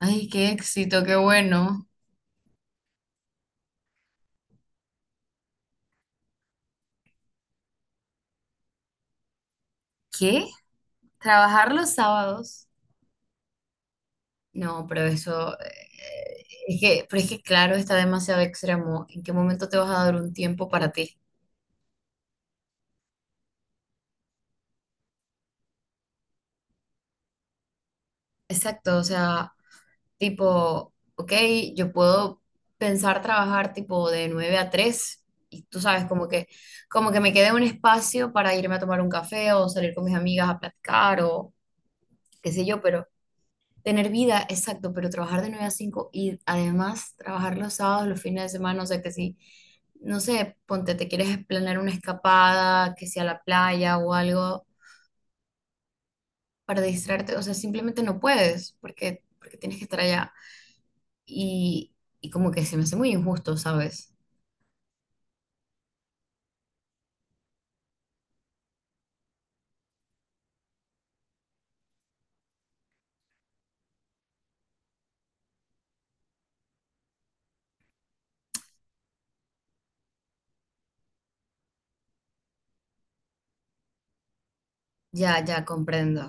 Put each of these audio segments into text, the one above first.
Ay, qué éxito, qué bueno. ¿Qué? ¿Trabajar los sábados? No, pero eso, es que, pero es que claro, está demasiado extremo. ¿En qué momento te vas a dar un tiempo para ti? Exacto, o sea, tipo, ok, yo puedo pensar trabajar tipo de 9 a 3 y tú sabes, como que me quede un espacio para irme a tomar un café o salir con mis amigas a platicar o qué sé yo, pero tener vida, exacto, pero trabajar de 9 a 5 y además trabajar los sábados, los fines de semana, o sea que si, no sé, ponte, te quieres planear una escapada, que sea a la playa o algo para distraerte, o sea, simplemente no puedes porque tienes que estar allá. Y, y como que se me hace muy injusto, ¿sabes? Ya, ya comprendo.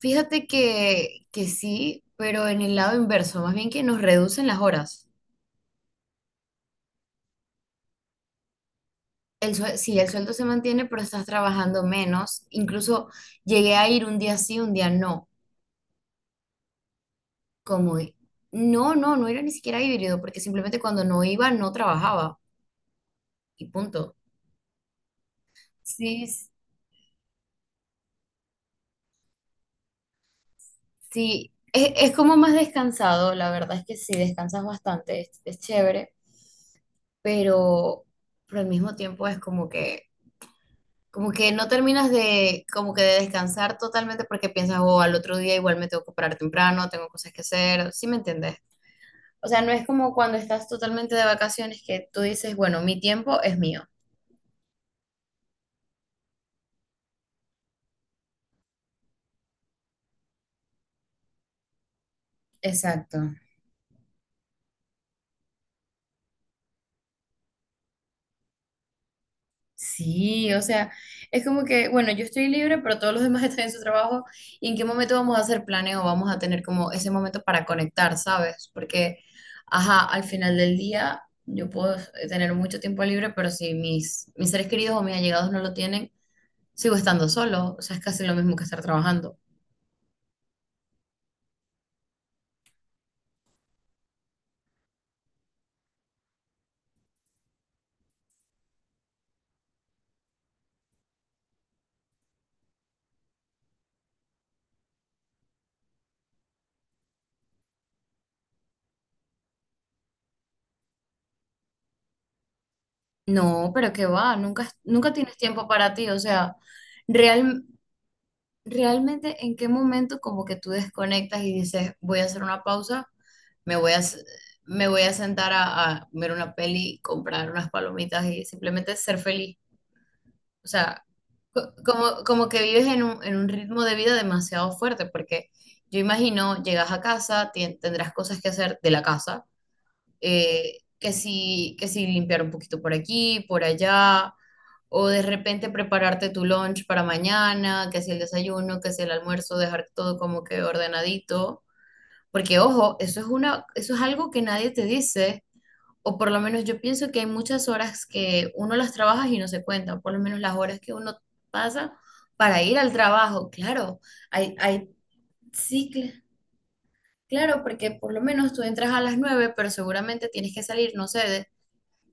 Fíjate que sí, pero en el lado inverso, más bien que nos reducen las horas. Sí, el sueldo se mantiene, pero estás trabajando menos. Incluso llegué a ir un día sí, un día no. Como, no, no, no era ni siquiera híbrido, porque simplemente cuando no iba, no trabajaba. Y punto. Sí, sí. Es como más descansado, la verdad es que sí, descansas bastante, es chévere, pero, pero al mismo tiempo es como que no terminas de, como que de descansar totalmente porque piensas, oh, al otro día igual me tengo que parar temprano, tengo cosas que hacer, ¿sí me entiendes? O sea, no es como cuando estás totalmente de vacaciones que tú dices, bueno, mi tiempo es mío. Exacto. Sí, o sea, es como que, bueno, yo estoy libre, pero todos los demás están en su trabajo. ¿Y en qué momento vamos a hacer planes o vamos a tener como ese momento para conectar? ¿Sabes? Porque, ajá, al final del día yo puedo tener mucho tiempo libre, pero si mis seres queridos o mis allegados no lo tienen, sigo estando solo. O sea, es casi lo mismo que estar trabajando. No, pero qué va, nunca, nunca tienes tiempo para ti. O sea, real. Realmente en qué momento como que tú desconectas y dices, voy a hacer una pausa, me voy a, s- me voy a sentar a, ver una peli, comprar unas palomitas y simplemente ser feliz. O sea, como que vives en un ritmo de vida demasiado fuerte, porque yo imagino, llegas a casa, tendrás cosas que hacer de la casa que sí limpiar un poquito por aquí, por allá, o de repente prepararte tu lunch para mañana, que si el desayuno, que si el almuerzo, dejar todo como que ordenadito, porque ojo, eso es una, eso es algo que nadie te dice, o por lo menos yo pienso que hay muchas horas que uno las trabaja y no se cuentan, por lo menos las horas que uno pasa para ir al trabajo, claro, hay ciclos. Claro, porque por lo menos tú entras a las 9, pero seguramente tienes que salir, no sé,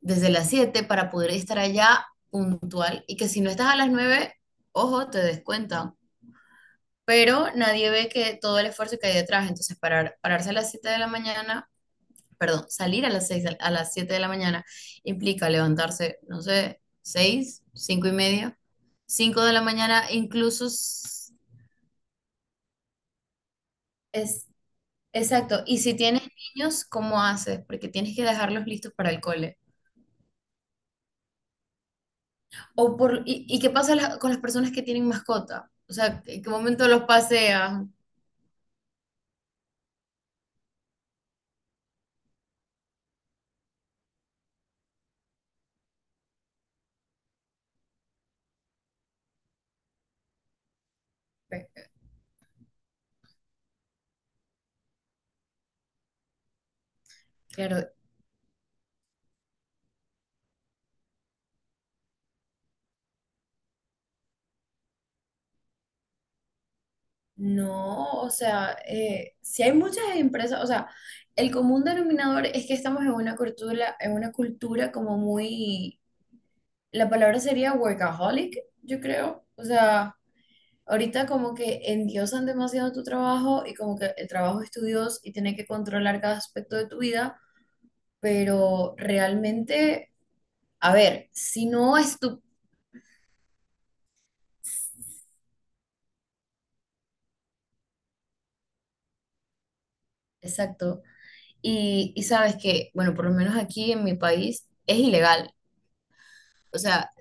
desde las 7 para poder estar allá puntual y que si no estás a las 9 ojo, te descuentan. Pero nadie ve que todo el esfuerzo que hay detrás, entonces pararse a las 7 de la mañana, perdón, salir a las 6 a las 7 de la mañana implica levantarse, no sé, 6 5 y media, 5 de la mañana, incluso es exacto. Y si tienes niños, ¿cómo haces? Porque tienes que dejarlos listos para el cole. Y qué pasa con las personas que tienen mascota? O sea, ¿en qué momento los pasean? Pe- Claro, no, o sea, si hay muchas empresas, o sea, el común denominador es que estamos en una cultura como muy, la palabra sería workaholic, yo creo. O sea, ahorita como que endiosan demasiado tu trabajo y como que el trabajo es tu Dios y tiene que controlar cada aspecto de tu vida, pero realmente... A ver, si no es tu... Exacto. Y sabes que, bueno, por lo menos aquí en mi país es ilegal. O sea,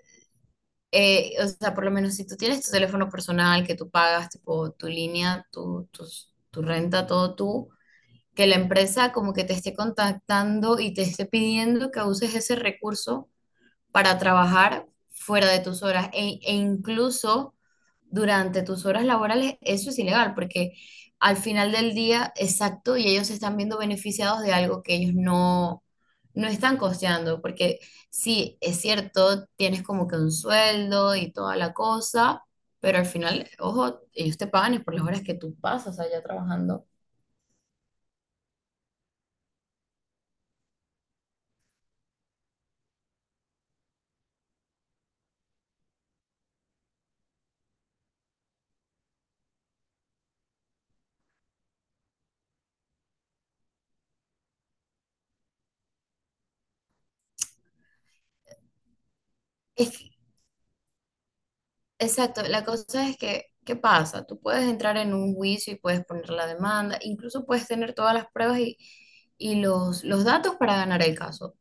o sea, por lo menos si tú tienes tu teléfono personal que tú pagas, tipo tu línea, tu renta, todo tú, que la empresa como que te esté contactando y te esté pidiendo que uses ese recurso para trabajar fuera de tus horas e incluso durante tus horas laborales, eso es ilegal porque al final del día, exacto, y ellos se están viendo beneficiados de algo que ellos no están costeando, porque sí, es cierto, tienes como que un sueldo y toda la cosa, pero al final, ojo, ellos te pagan es por las horas que tú pasas allá trabajando. Es, Exacto, la cosa es que, ¿qué pasa? Tú puedes entrar en un juicio y puedes poner la demanda, incluso puedes tener todas las pruebas y los datos para ganar el caso.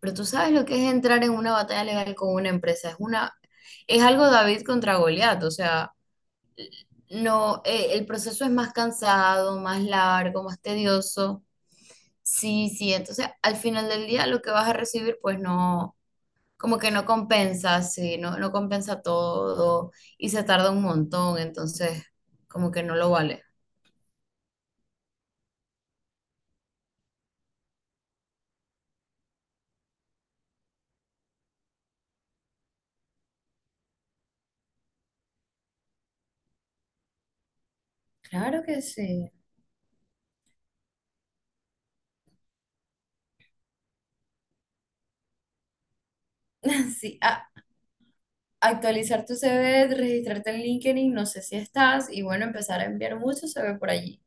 Pero tú sabes lo que es entrar en una batalla legal con una empresa. Es algo David contra Goliat, o sea, no, el proceso es más cansado, más largo, más tedioso. Sí, sí, entonces al final del día lo que vas a recibir, pues no como que no compensa, sí, no compensa todo y se tarda un montón, entonces como que no lo vale. Claro que sí. Sí, actualizar tu CV, registrarte en LinkedIn, no sé si estás, y bueno, empezar a enviar mucho CV por allí.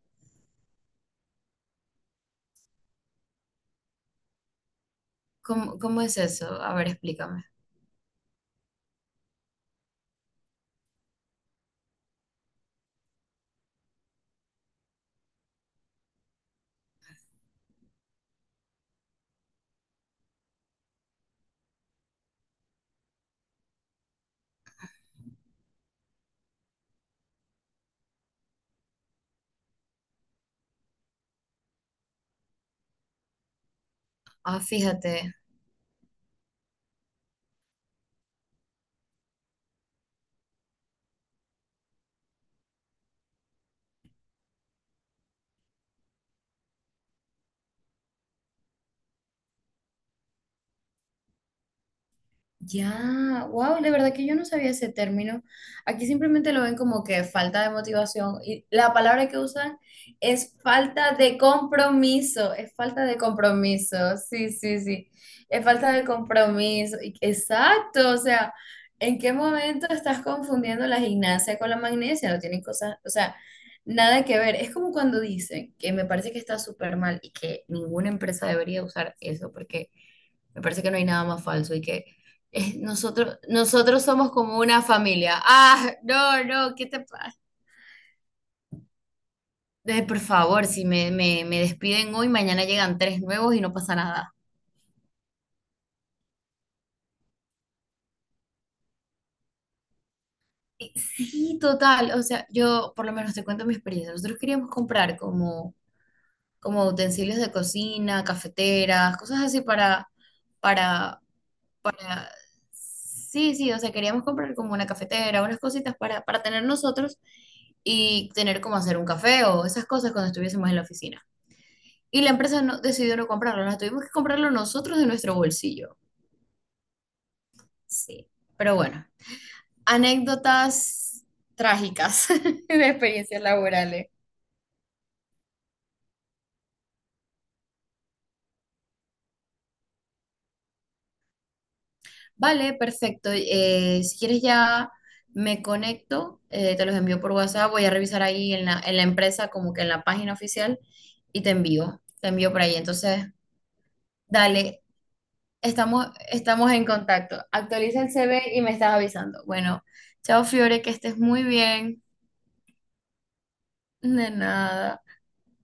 ¿Cómo es eso? A ver, explícame. Ah, fíjate. Ya, wow, de verdad que yo no sabía ese término. Aquí simplemente lo ven como que falta de motivación y la palabra que usan es falta de compromiso, es falta de compromiso, sí, sí, sí, es falta de compromiso. Exacto, o sea, ¿en qué momento estás confundiendo la gimnasia con la magnesia? No tienen cosas, o sea, nada que ver. Es como cuando dicen que me parece que está súper mal y que ninguna empresa debería usar eso porque me parece que no hay nada más falso y que nosotros somos como una familia. Ah, no, no, ¿qué te pasa? Por favor, si me despiden hoy, mañana llegan tres nuevos y no pasa nada. Y sí, total. O sea, yo por lo menos te cuento mi experiencia. Nosotros queríamos comprar como utensilios de cocina, cafeteras, cosas así para, sea, sí, sí, o sea, queríamos comprar como una cafetera, unas cositas para tener nosotros y tener como hacer un café o esas cosas cuando estuviésemos en la oficina. Y la empresa no, decidió no comprarlo, nos tuvimos que comprarlo nosotros de nuestro bolsillo. Sí, pero bueno, anécdotas trágicas de experiencias laborales. Vale, perfecto. Si quieres ya me conecto, te los envío por WhatsApp, voy a revisar ahí en la, empresa, como que en la página oficial, y te envío por ahí. Entonces, dale, estamos en contacto. Actualiza el CV y me estás avisando. Bueno, chao Fiore, que estés muy bien. De nada.